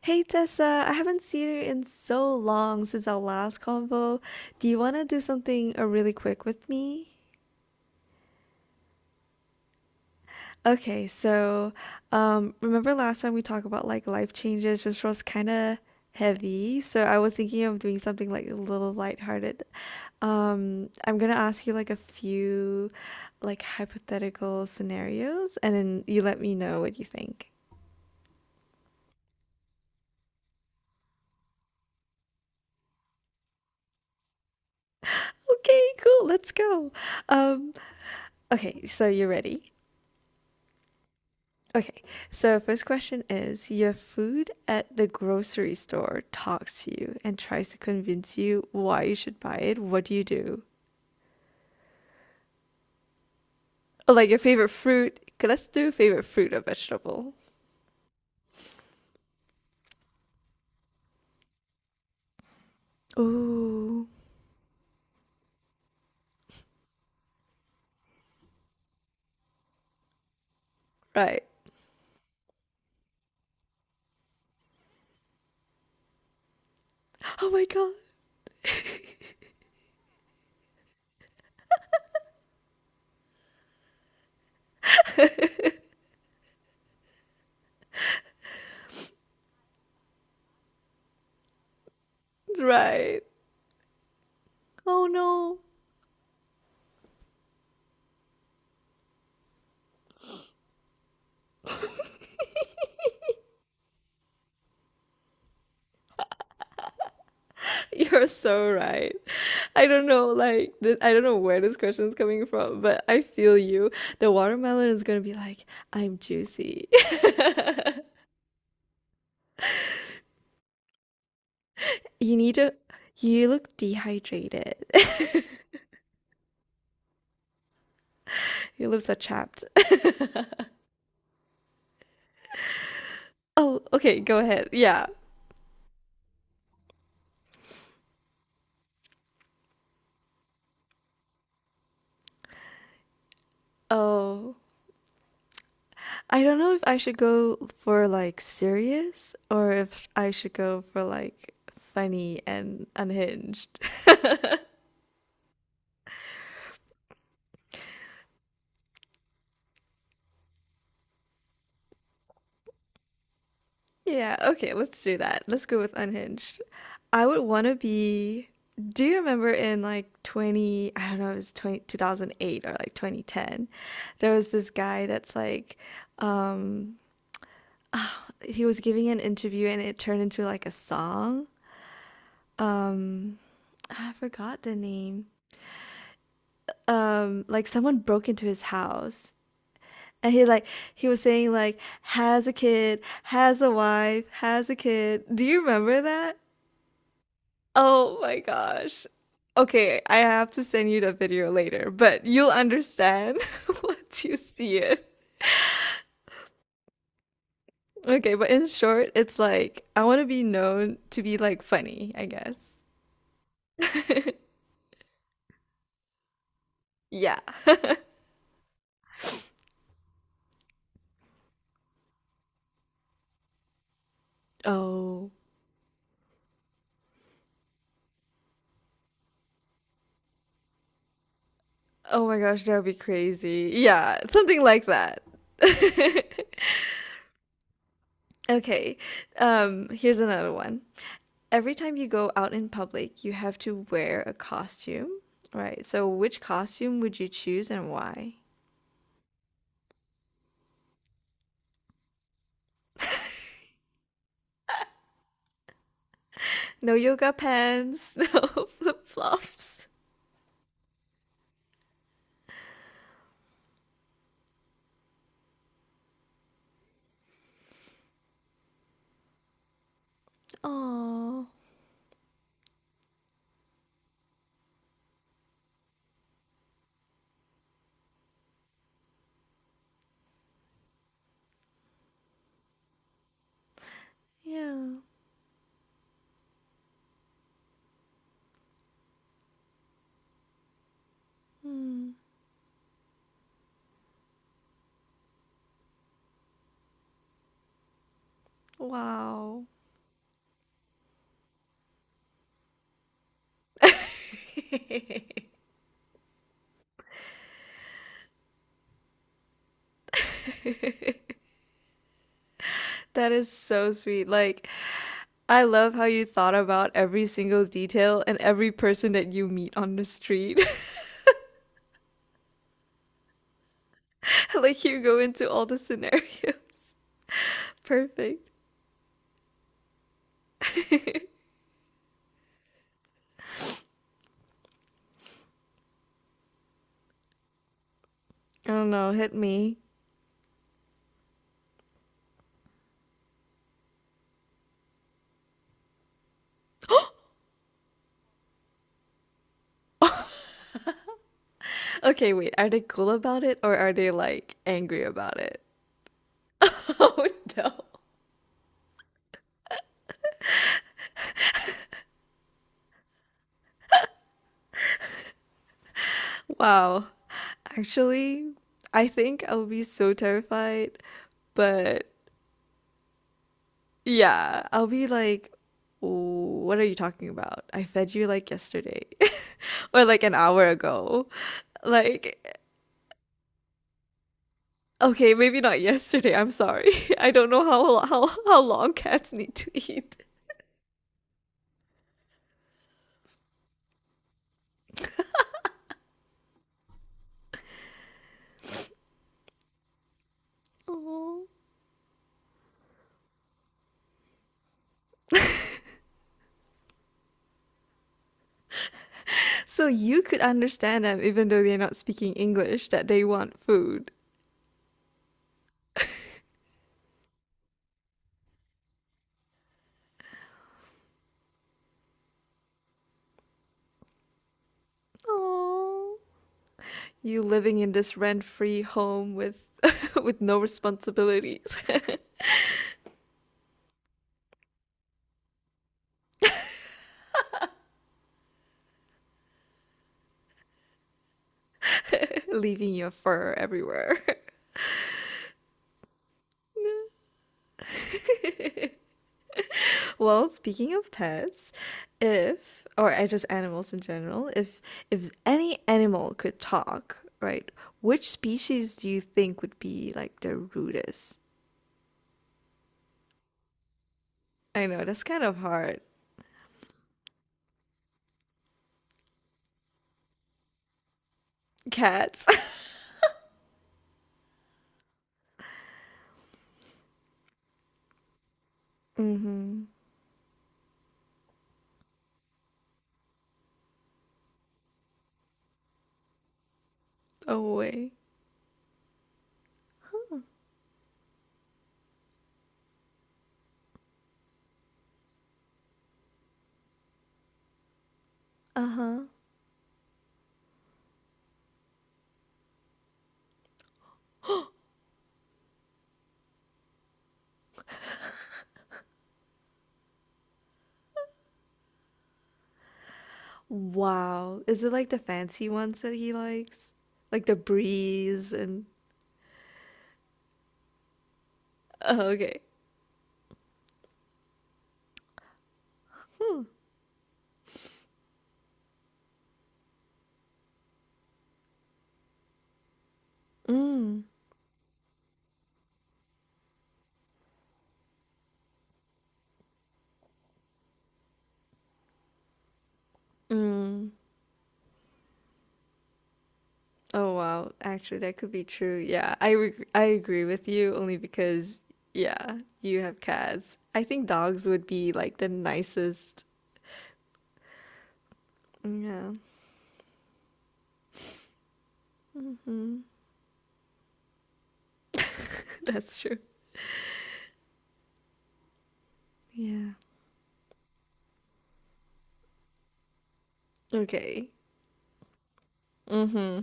Hey Tessa, I haven't seen you in so long since our last convo. Do you want to do something really quick with me? Okay, so remember last time we talked about like life changes, which was kind of heavy. So I was thinking of doing something like a little lighthearted. I'm gonna ask you like a few like hypothetical scenarios, and then you let me know what you think. Okay, cool. Let's go. Um, okay, so you ready? Okay, so first question is your food at the grocery store talks to you and tries to convince you why you should buy it. What do you do? Or like your favorite fruit. 'Kay, let's do favorite fruit or vegetable. Ooh, right. Oh my God, right. Oh no. You're so right. I don't know, like, I don't know where this question is coming from, but I feel you. The watermelon is gonna be like, I'm juicy. You need to You look dehydrated. Your lips are chapped. Oh, okay, go ahead. Yeah. Oh, I don't know if I should go for like serious or if I should go for like funny and unhinged. Yeah, okay, let's do that. Let's go with unhinged. I would want to be. Do you remember in like 20, I don't know, it was 20 2008 or like 2010, there was this guy that's like, um, he was giving an interview and it turned into like a song. Um, I forgot the name. Like someone broke into his house and he was saying like has a kid, has a wife, has a kid. Do you remember that? Oh my gosh. Okay, I have to send you the video later, but you'll understand once you see it. Okay, but in short, it's like I want to be known to be like funny, I guess. Yeah. Oh. Oh my gosh, that would be crazy. Yeah, something like that. Okay, here's another one. Every time you go out in public, you have to wear a costume, right? So which costume would you choose and why? No yoga pants, no flip-flops. Oh, yeah. Hmm. Wow. That is so sweet. Like, I love how you thought about every single detail and every person that you meet on the street. Like, you go into all the scenarios. Perfect. Oh no, hit me. Okay, wait, are they cool about it or are they like angry about it? Oh no. Wow. Actually, I think I would be so terrified, but yeah, I'll be like, "What are you talking about? I fed you like yesterday or like an hour ago." Like, okay, maybe not yesterday. I'm sorry. I don't know how long cats need to eat. Aw. So you could understand them even though they're not speaking English that they want food. Aww. You living in this rent-free home with with no responsibilities, leaving your fur everywhere. Well, speaking of pets, if or I just animals in general, if any animal could talk, right, which species do you think would be like the rudest? I know that's kind of hard. Cats. Mm-hmm. Away. Uh-huh. Wow. Is it like the fancy ones that he likes? Like the breeze and oh, okay. Mm. Mm. Oh wow, actually that could be true. Yeah, I agree with you only because yeah, you have cats. I think dogs would be like the nicest. Yeah, that's true. Yeah. Okay. Mm-hmm.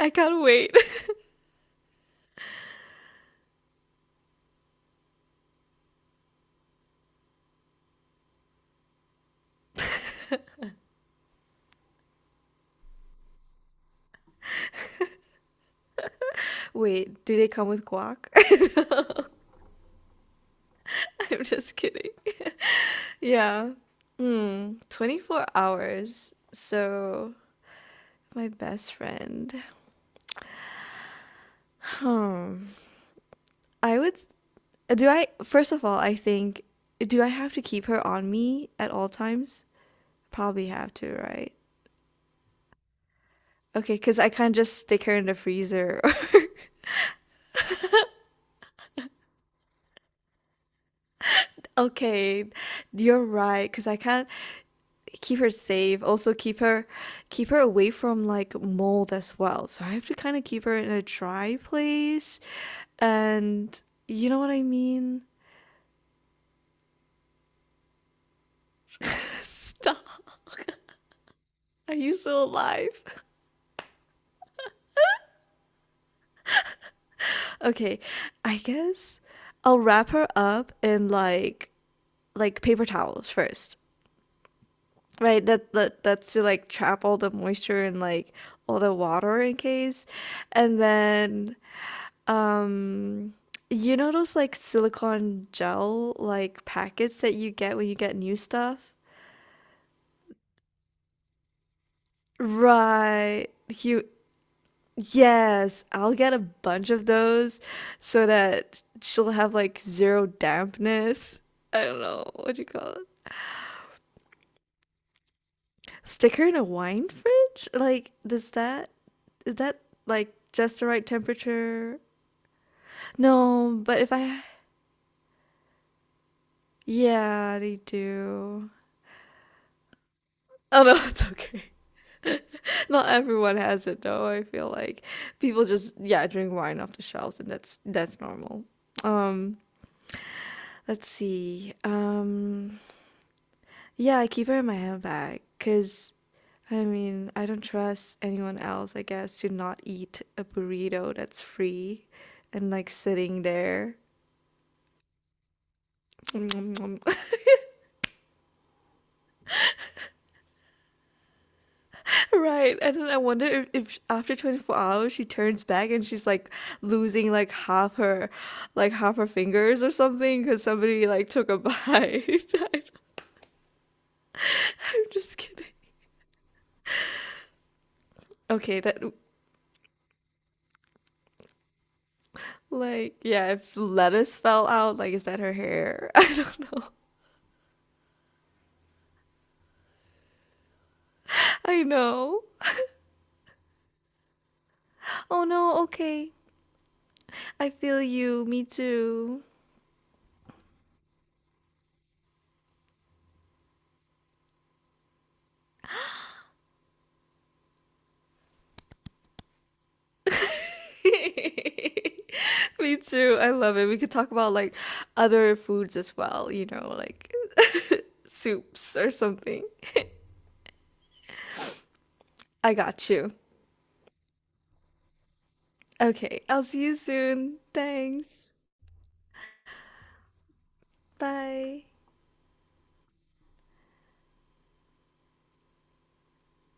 I can't wait. Wait, do they come with guac? I'm just kidding. Yeah. Hmm. 24 hours. So, my best friend. Hmm. I would Do I, first of all, I think, do I have to keep her on me at all times? Probably have to, right? Okay, because I can't just stick her in the freezer. Okay, you're right, because I can't keep her safe. Also keep her away from like mold as well. So I have to kind of keep her in a dry place. And you know what I mean? Stop. Are you still alive? Okay, I guess I'll wrap her up in like paper towels first, right? That's to like trap all the moisture and like all the water in case, and then um you know those like silicone gel like packets that you get when you get new stuff? Right. You Yes, I'll get a bunch of those so that she'll have like zero dampness. I don't know what you call it. Sticker in a wine fridge? Like, does that is that like just the right temperature? No, but if I yeah, they do. Oh no, it's okay. Not everyone has it though. I feel like people just yeah drink wine off the shelves, and that's normal. Um, let's see. Yeah, I keep her in my handbag because I mean, I don't trust anyone else, I guess, to not eat a burrito that's free and like sitting there. Right. And then I wonder if after 24 hours she turns back and she's like losing like half her fingers or something because somebody like took a bite. I'm just kidding. Okay, that like yeah, if lettuce fell out, like is that her hair? I don't know. I know. Oh no, okay. I feel you. Me too. Me too. I love it. We could talk about like other foods as well, you know, like soups or something. I got you. Okay, I'll see you soon. Thanks. Bye.